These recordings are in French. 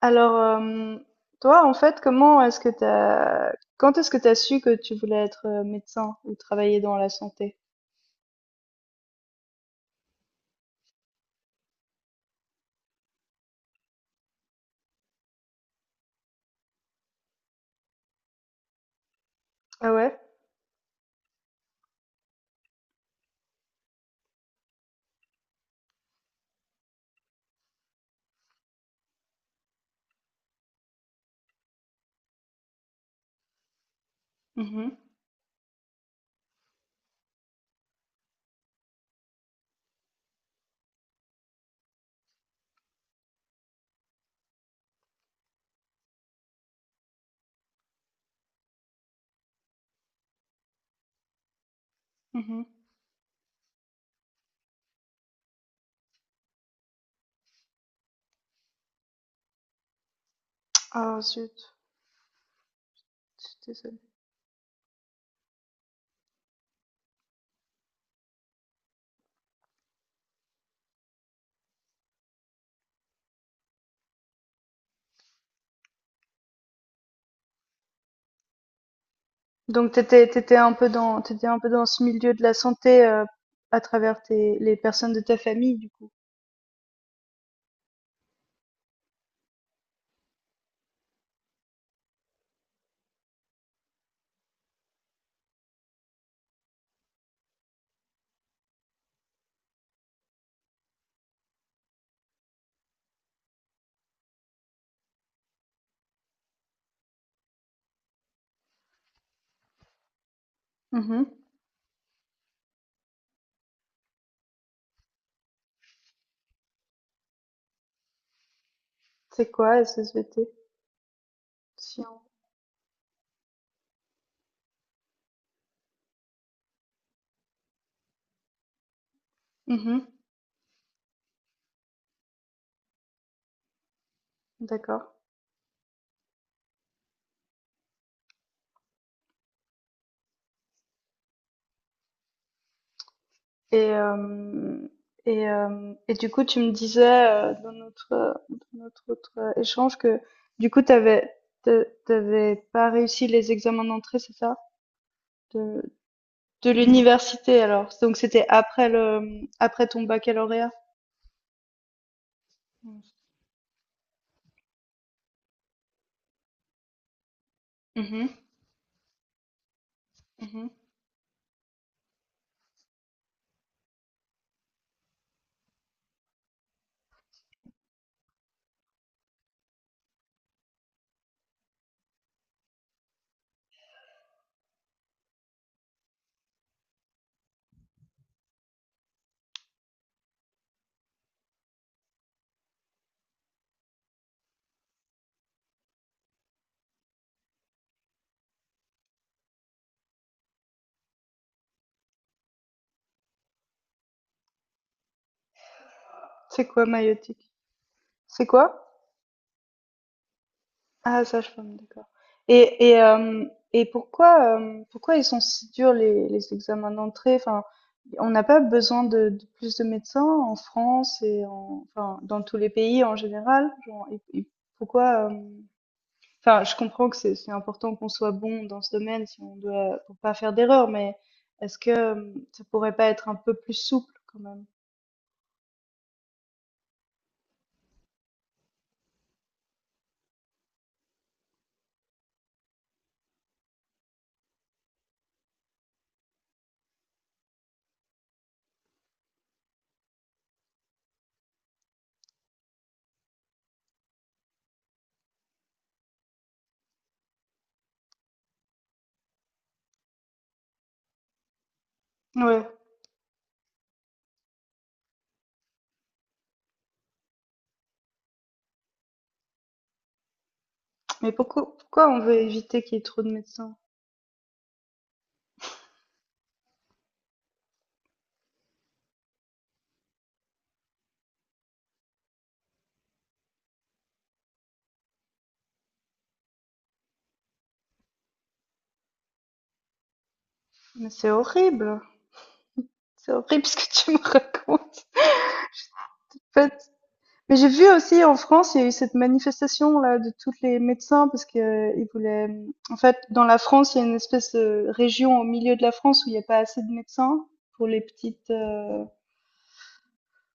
Alors, euh, toi, en fait, comment est-ce que t'as, quand est-ce que t'as su que tu voulais être médecin ou travailler dans la santé? Ah ouais? Mhm. Mhm. Ah zut, je suis désolée. Donc t'étais un peu t'étais un peu dans ce milieu de la santé à travers les personnes de ta famille, du coup. Mhm. C'est quoi SSVT? Science. Mhm. D'accord. Et, euh, et du coup, tu me disais dans dans notre autre échange que du coup, t'avais pas réussi les examens d'entrée, c'est ça? De, de l'université alors. Donc c'était après après ton baccalauréat. Mhm. Mhm. C'est quoi maïeutique? C'est quoi? Ah ça je comprends, d'accord. Et et euh, et pourquoi pourquoi ils sont si durs les examens d'entrée? Enfin, on n'a pas besoin de plus de médecins en France et en, enfin dans tous les pays en général. Genre, et pourquoi? Enfin, je comprends que c'est important qu'on soit bon dans ce domaine si on doit, pour pas faire d'erreur, mais est-ce que ça pourrait pas être un peu plus souple quand même? Ouais. Mais pourquoi on veut éviter qu'il y ait trop de médecins? Mais c'est horrible. C'est horrible ce que tu me racontes. En fait, mais j'ai vu aussi en France, il y a eu cette manifestation là de tous les médecins parce que ils voulaient. En fait, dans la France, il y a une espèce de région au milieu de la France où il n'y a pas assez de médecins pour les petites euh,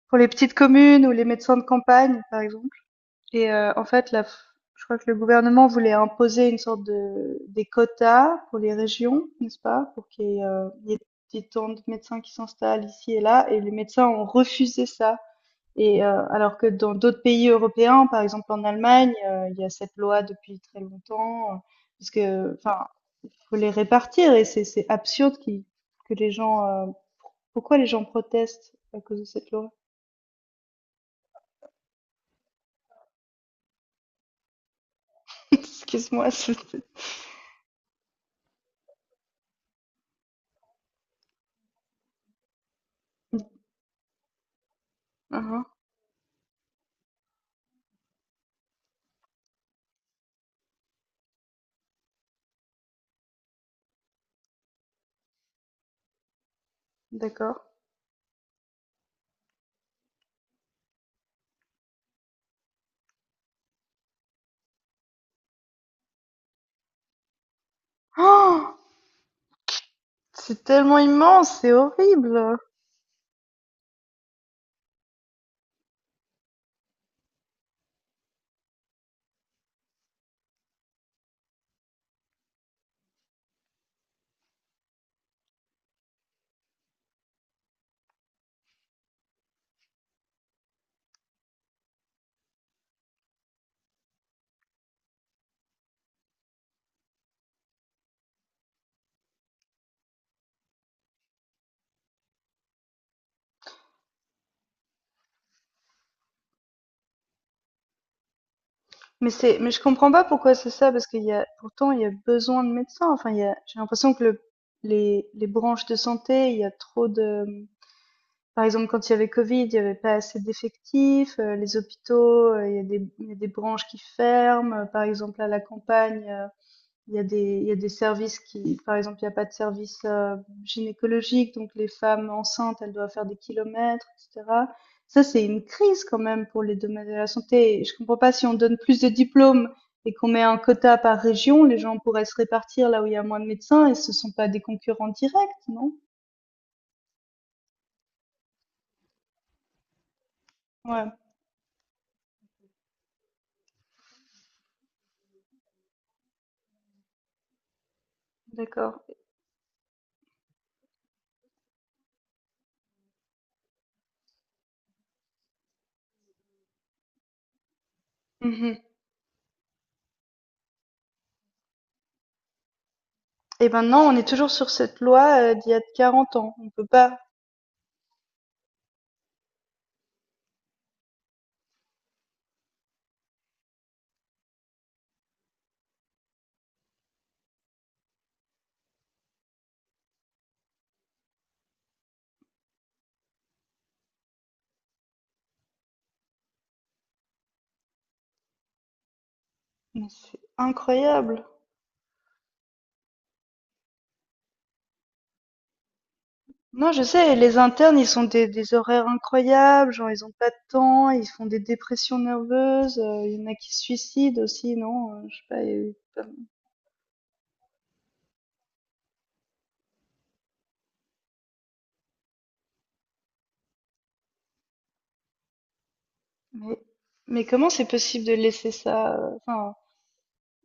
pour les petites communes ou les médecins de campagne, par exemple. Et euh, en fait, la, je crois que le gouvernement voulait imposer une sorte de des quotas pour les régions, n'est-ce pas, pour qu'il y ait, il y ait des tant de médecins qui s'installent ici et là. Et les médecins ont refusé ça. Et heu, alors que dans d'autres pays européens, par exemple en Allemagne, il y a cette loi depuis très longtemps. Parce que, enfin, faut les répartir et c'est absurde qui que les gens, pourquoi les gens protestent à cause de cette loi? Excuse-moi, je te Mmh mh, d'accord. Oh, c'est tellement immense, c'est horrible! Mais c'est, mais je comprends pas pourquoi c'est ça parce qu'il y a, pourtant il y a besoin de médecins, enfin il y a, j'ai l'impression que le les branches de santé, il y a trop de. Par exemple, quand il y avait Covid, il y avait pas assez d'effectifs, les hôpitaux, il y a des, il y a des branches qui ferment. Par exemple à la campagne, il y a des, il y a des services qui par exemple, il y a pas de service, gynécologique, donc les femmes enceintes, elles doivent faire des kilomètres, et cetera. Ça, c'est une crise quand même pour les domaines de la santé et je comprends pas si on donne plus de diplômes et qu'on met un quota par région, les gens pourraient se répartir là où il y a moins de médecins et ce sont pas des concurrents directs, non? Ouais, d'accord. Mmh. Et maintenant, on est toujours sur cette loi d'il y a 40 ans. On peut pas. Mais c'est incroyable. Non, je sais, les internes, ils sont des horaires incroyables, genre ils ont pas de temps, ils font des dépressions nerveuses, il y en a qui se suicident aussi, non, je sais pas, il y a eu. Mais, mais comment c'est possible de laisser ça? Enfin,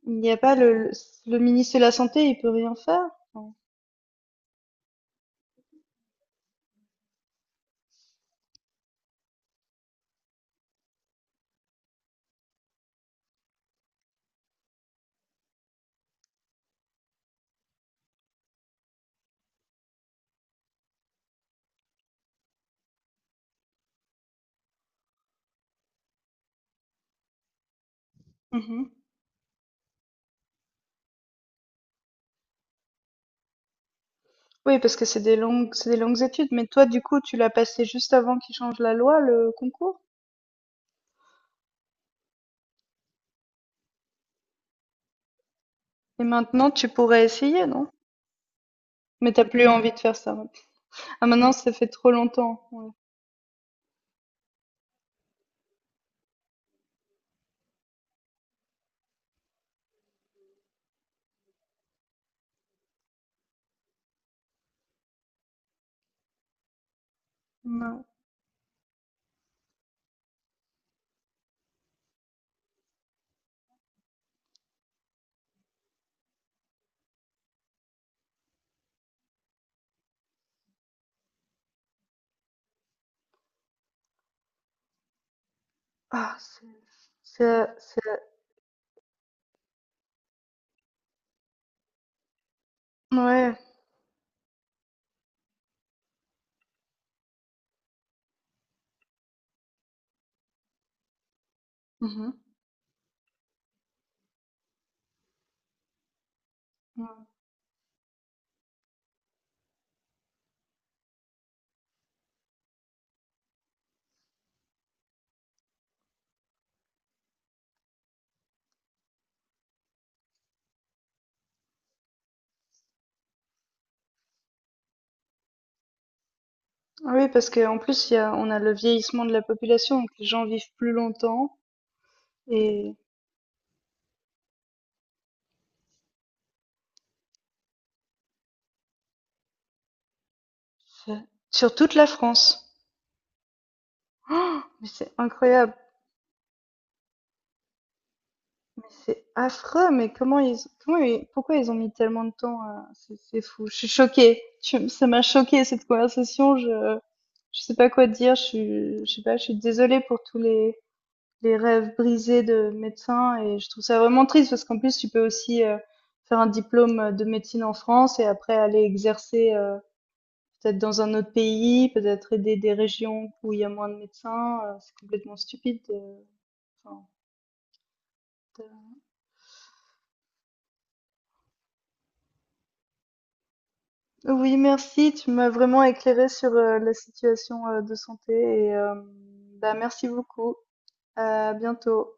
il n'y a pas le ministre de la Santé, il peut rien faire. Enfin, mhm. Oui, parce que c'est des longues études, mais toi, du coup, tu l'as passé juste avant qu'ils changent la loi, le concours? Et maintenant, tu pourrais essayer, non? Mais t'as plus envie de faire ça. Ouais. Ah, maintenant, ça fait trop longtemps. Ouais. Ouais. Ah, c'est, c'est- ouais. Mhm. Ouais. Ah oui, parce qu'en plus, il y a, on a le vieillissement de la population, donc les gens vivent plus longtemps et sur toute la France. Mais c'est incroyable. Mais c'est affreux, mais comment pourquoi ils ont mis tellement de temps à... C'est fou, je suis choquée. Ça m'a choquée cette conversation. Je sais pas quoi dire. Je sais pas. Je suis désolée pour tous les rêves brisés de médecins et je trouve ça vraiment triste parce qu'en plus tu peux aussi faire un diplôme de médecine en France et après aller exercer peut-être dans un autre pays, peut-être aider des régions où il y a moins de médecins. C'est complètement stupide. Enfin, Oui, merci. Tu m'as vraiment éclairé sur la situation de santé et bah, merci beaucoup. À bientôt.